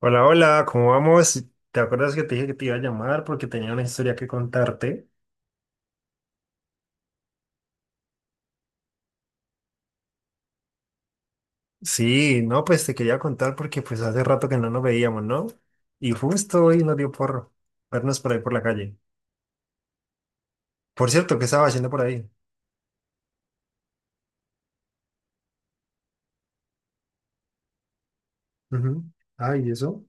Hola, hola, ¿cómo vamos? ¿Te acuerdas que te dije que te iba a llamar porque tenía una historia que contarte? Sí, no, pues te quería contar porque pues hace rato que no nos veíamos, ¿no? Y justo hoy nos dio por vernos por ahí por la calle. Por cierto, ¿qué estaba haciendo por ahí? Ujú. Ah, ¿y eso?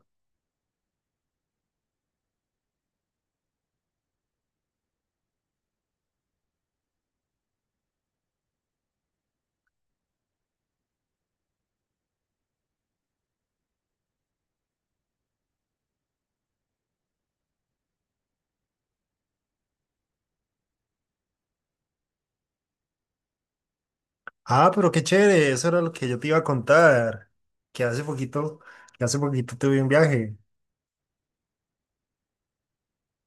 Ah, pero qué chévere, eso era lo que yo te iba a contar. Que hace poquito, que hace poquito tuve un viaje.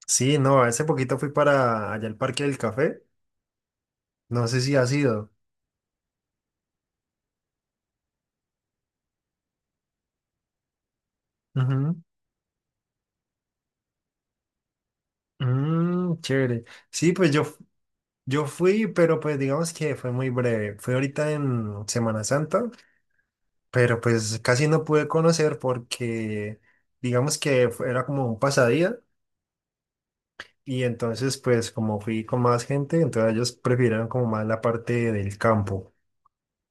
Sí, no, hace poquito fui para allá al Parque del Café. No sé si has ido. Ujú. Mm, chévere. Sí, pues yo fui, pero pues digamos que fue muy breve. Fui ahorita en Semana Santa, pero pues casi no pude conocer porque digamos que era como un pasadía y entonces pues como fui con más gente, entonces ellos prefirieron como más la parte del campo.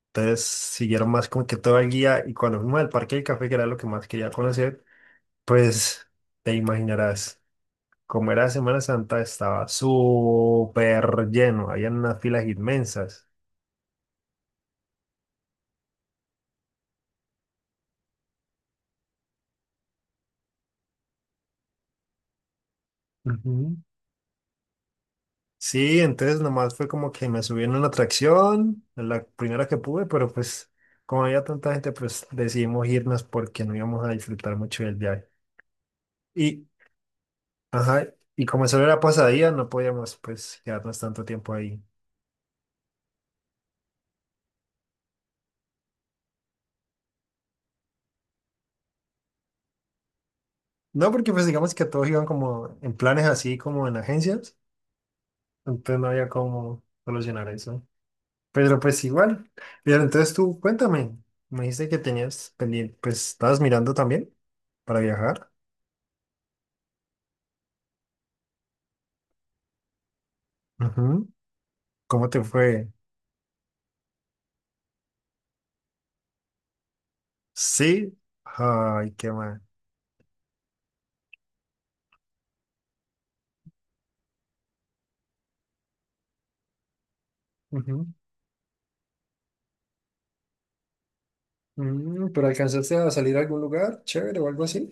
Entonces siguieron más como que todo el guía y cuando fuimos al Parque del Café, que era lo que más quería conocer, pues te imaginarás, como era Semana Santa estaba súper lleno, había unas filas inmensas. Ujú. Sí, entonces nomás fue como que me subí en una atracción, en la primera que pude, pero pues como había tanta gente, pues decidimos irnos porque no íbamos a disfrutar mucho del viaje. Y, ajá, y como solo era pasadía, no podíamos pues quedarnos tanto tiempo ahí. No, porque pues digamos que todos iban como en planes así como en agencias, entonces no había cómo solucionar eso. Pero pues igual. Pero entonces tú cuéntame, me dijiste que tenías pendiente, pues estabas mirando también para viajar. ¿Cómo te fue? Sí. Ay, qué mal. Ujú. Mm, ¿pero alcanzaste a salir a algún lugar chévere o algo así?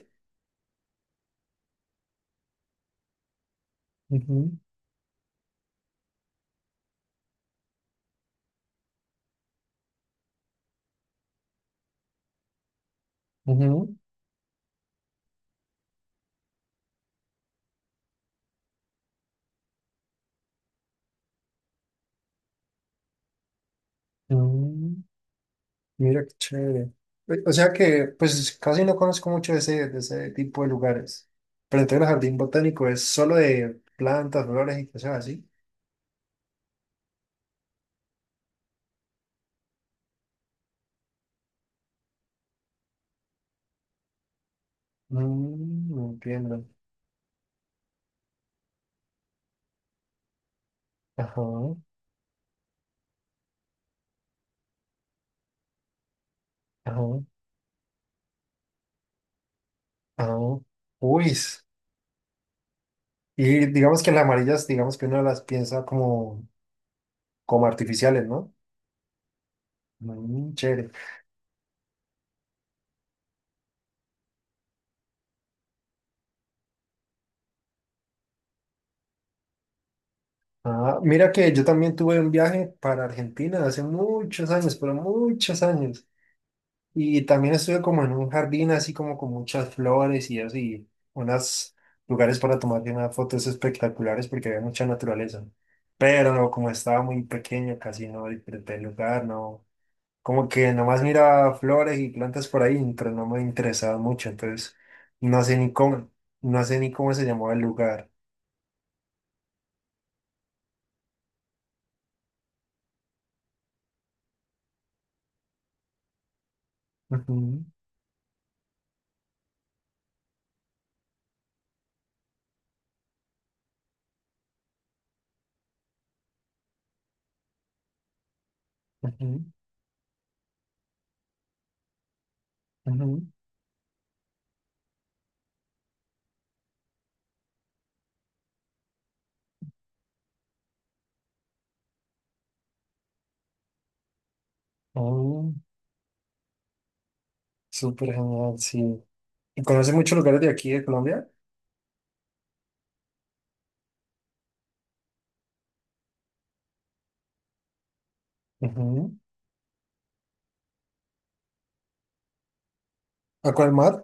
Ujú, ujú, mm, mira qué chévere. O sea que, pues casi no conozco mucho de ese tipo de lugares. Pero entonces el jardín botánico es solo de plantas, flores y cosas así. Mm, entiendo. Ajá, ajá, ajá. Uy. S- Y digamos que las amarillas, digamos que uno las piensa como, como artificiales, ¿no? Mm, chévere. Ah, mira que yo también tuve un viaje para Argentina hace muchos años, pero muchos años. Y también estuve como en un jardín así como con muchas flores y así, unos lugares para tomar unas fotos espectaculares porque había mucha naturaleza. Pero no, como estaba muy pequeño, casi no disfruté el lugar, no. Como que nomás miraba flores y plantas por ahí, pero no me interesaba mucho, entonces no sé ni cómo, no sé ni cómo se llamaba el lugar. Ujú, ujú, ujú. Oh, súper genial, sí. ¿Y conoce muchos lugares de aquí de Colombia? Ujú. ¿A cuál mar?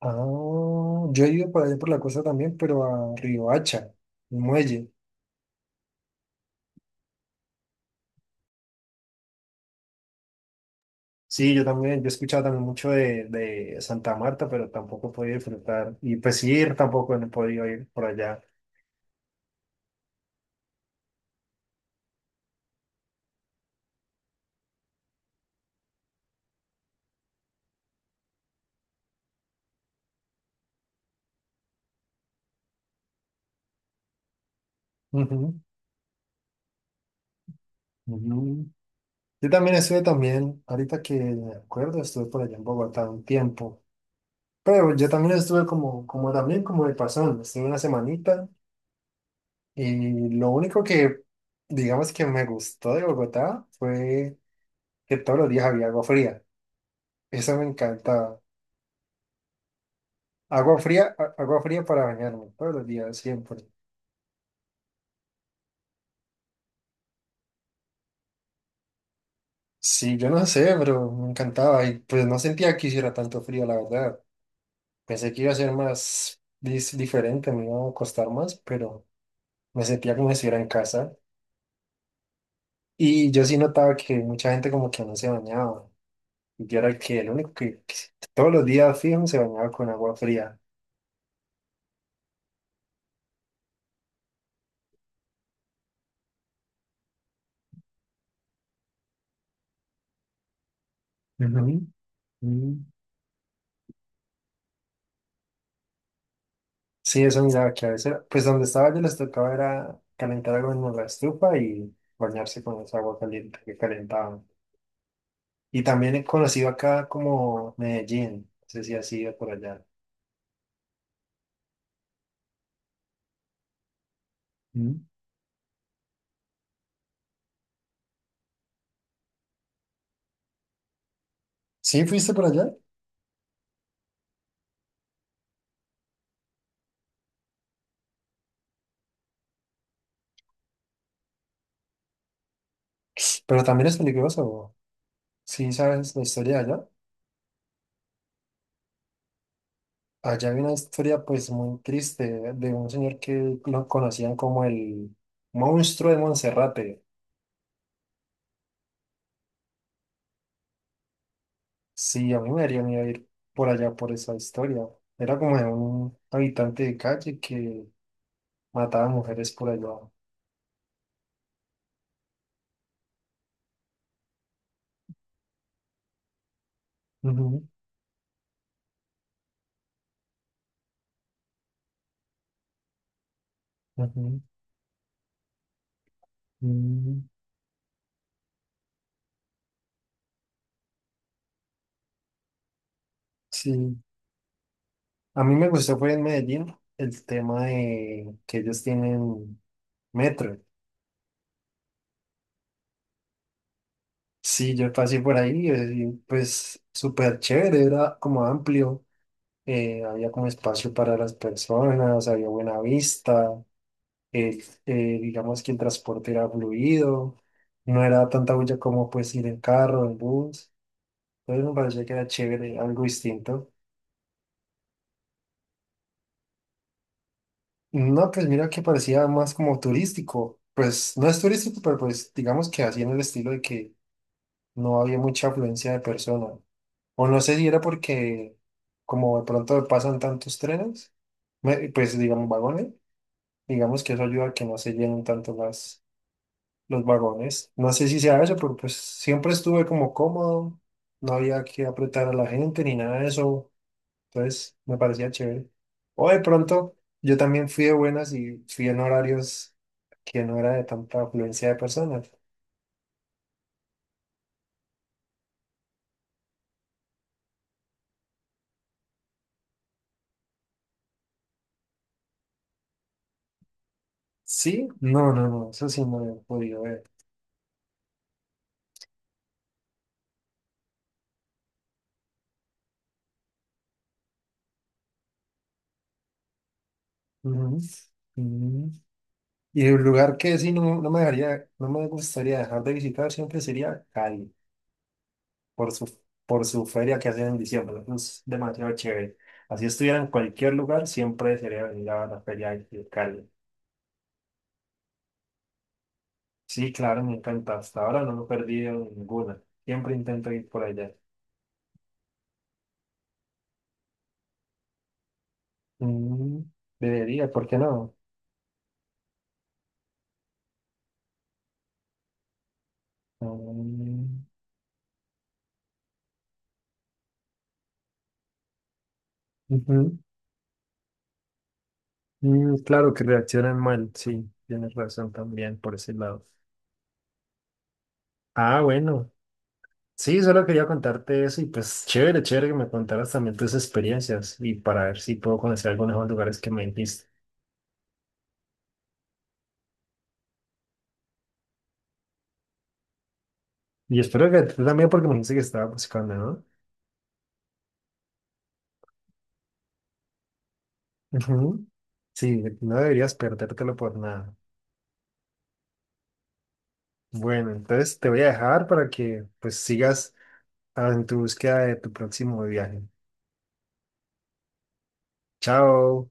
Ah, yo he ido por allá por la costa también, pero a Riohacha, el muelle. Sí, yo también, yo he escuchado también mucho de Santa Marta, pero tampoco he podido disfrutar. Y pues ir tampoco no he podido ir por allá. Ujú, ujú. Yo también estuve también, ahorita que me acuerdo, estuve por allá en Bogotá un tiempo. Pero yo también estuve como, como también como de pasón, estuve una semanita. Y lo único que, digamos que me gustó de Bogotá fue que todos los días había agua fría. Eso me encantaba. Agua fría, agua fría para bañarme, todos los días, siempre. Sí, yo no sé, pero me encantaba. Y pues no sentía que hiciera tanto frío, la verdad. Pensé que iba a ser más diferente, me iba a costar más, pero me sentía como si estuviera en casa. Y yo sí notaba que mucha gente como que no se bañaba. Y yo era el que el único que todos los días fijo se bañaba con agua fría. Mm. Sí, eso miraba que a veces, pues donde estaba yo les tocaba era calentar algo en la estufa y bañarse con esa agua caliente que calentaban. Y también he conocido acá como Medellín, no sé si has ido por allá. Mm. Sí, fuiste por allá, pero también es peligroso. Sí, sabes la historia de allá. Allá hay una historia pues muy triste de un señor que lo conocían como el monstruo de Monserrate. Sí, a mí me daría miedo ir por allá por esa historia. Era como de un habitante de calle que mataba mujeres por allá. Ujú, ujú, mm, sí, a mí me gustó fue en Medellín el tema de que ellos tienen metro. Sí, yo pasé por ahí y pues súper chévere, era como amplio, había como espacio para las personas, había buena vista, eh, digamos que el transporte era fluido, no era tanta bulla como pues ir en carro, en bus, entonces me parecía que era chévere, algo distinto. No, pues mira que parecía más como turístico, pues no es turístico, pero pues digamos que así en el estilo de que no había mucha afluencia de personas, o no sé si era porque como de pronto pasan tantos trenes, pues digamos vagones, digamos que eso ayuda a que no se llenen tanto las los vagones. No sé si sea eso, pero pues siempre estuve como cómodo, no había que apretar a la gente ni nada de eso, entonces me parecía chévere. O de pronto, yo también fui de buenas y fui en horarios que no era de tanta afluencia de personas. Sí, no, no, no, eso sí no lo he podido ver. Ujú. Mm. Y el lugar que sí no, no me dejaría, no me gustaría dejar de visitar siempre sería Cali. Por su, por su feria que hacen en diciembre. Eso es demasiado chévere. Así estuviera en cualquier lugar, siempre sería venir a la feria de Cali. Sí, claro, me encanta. Hasta ahora no me he perdido ninguna. Siempre intento ir por allá. Mm, debería, ¿por qué no? Mm, ujú. Mm, claro que reaccionan mal, sí, tienes razón también por ese lado. Ah, bueno. Sí, solo quería contarte eso y pues chévere, chévere que me contaras también tus experiencias y para ver si puedo conocer algunos de los lugares que me dijiste. Y espero que tú también, porque me dijiste que estaba buscando, ¿no? Ujú. Sí, no deberías perdértelo por nada. Bueno, entonces te voy a dejar para que pues sigas en tu búsqueda de tu próximo viaje. Chao.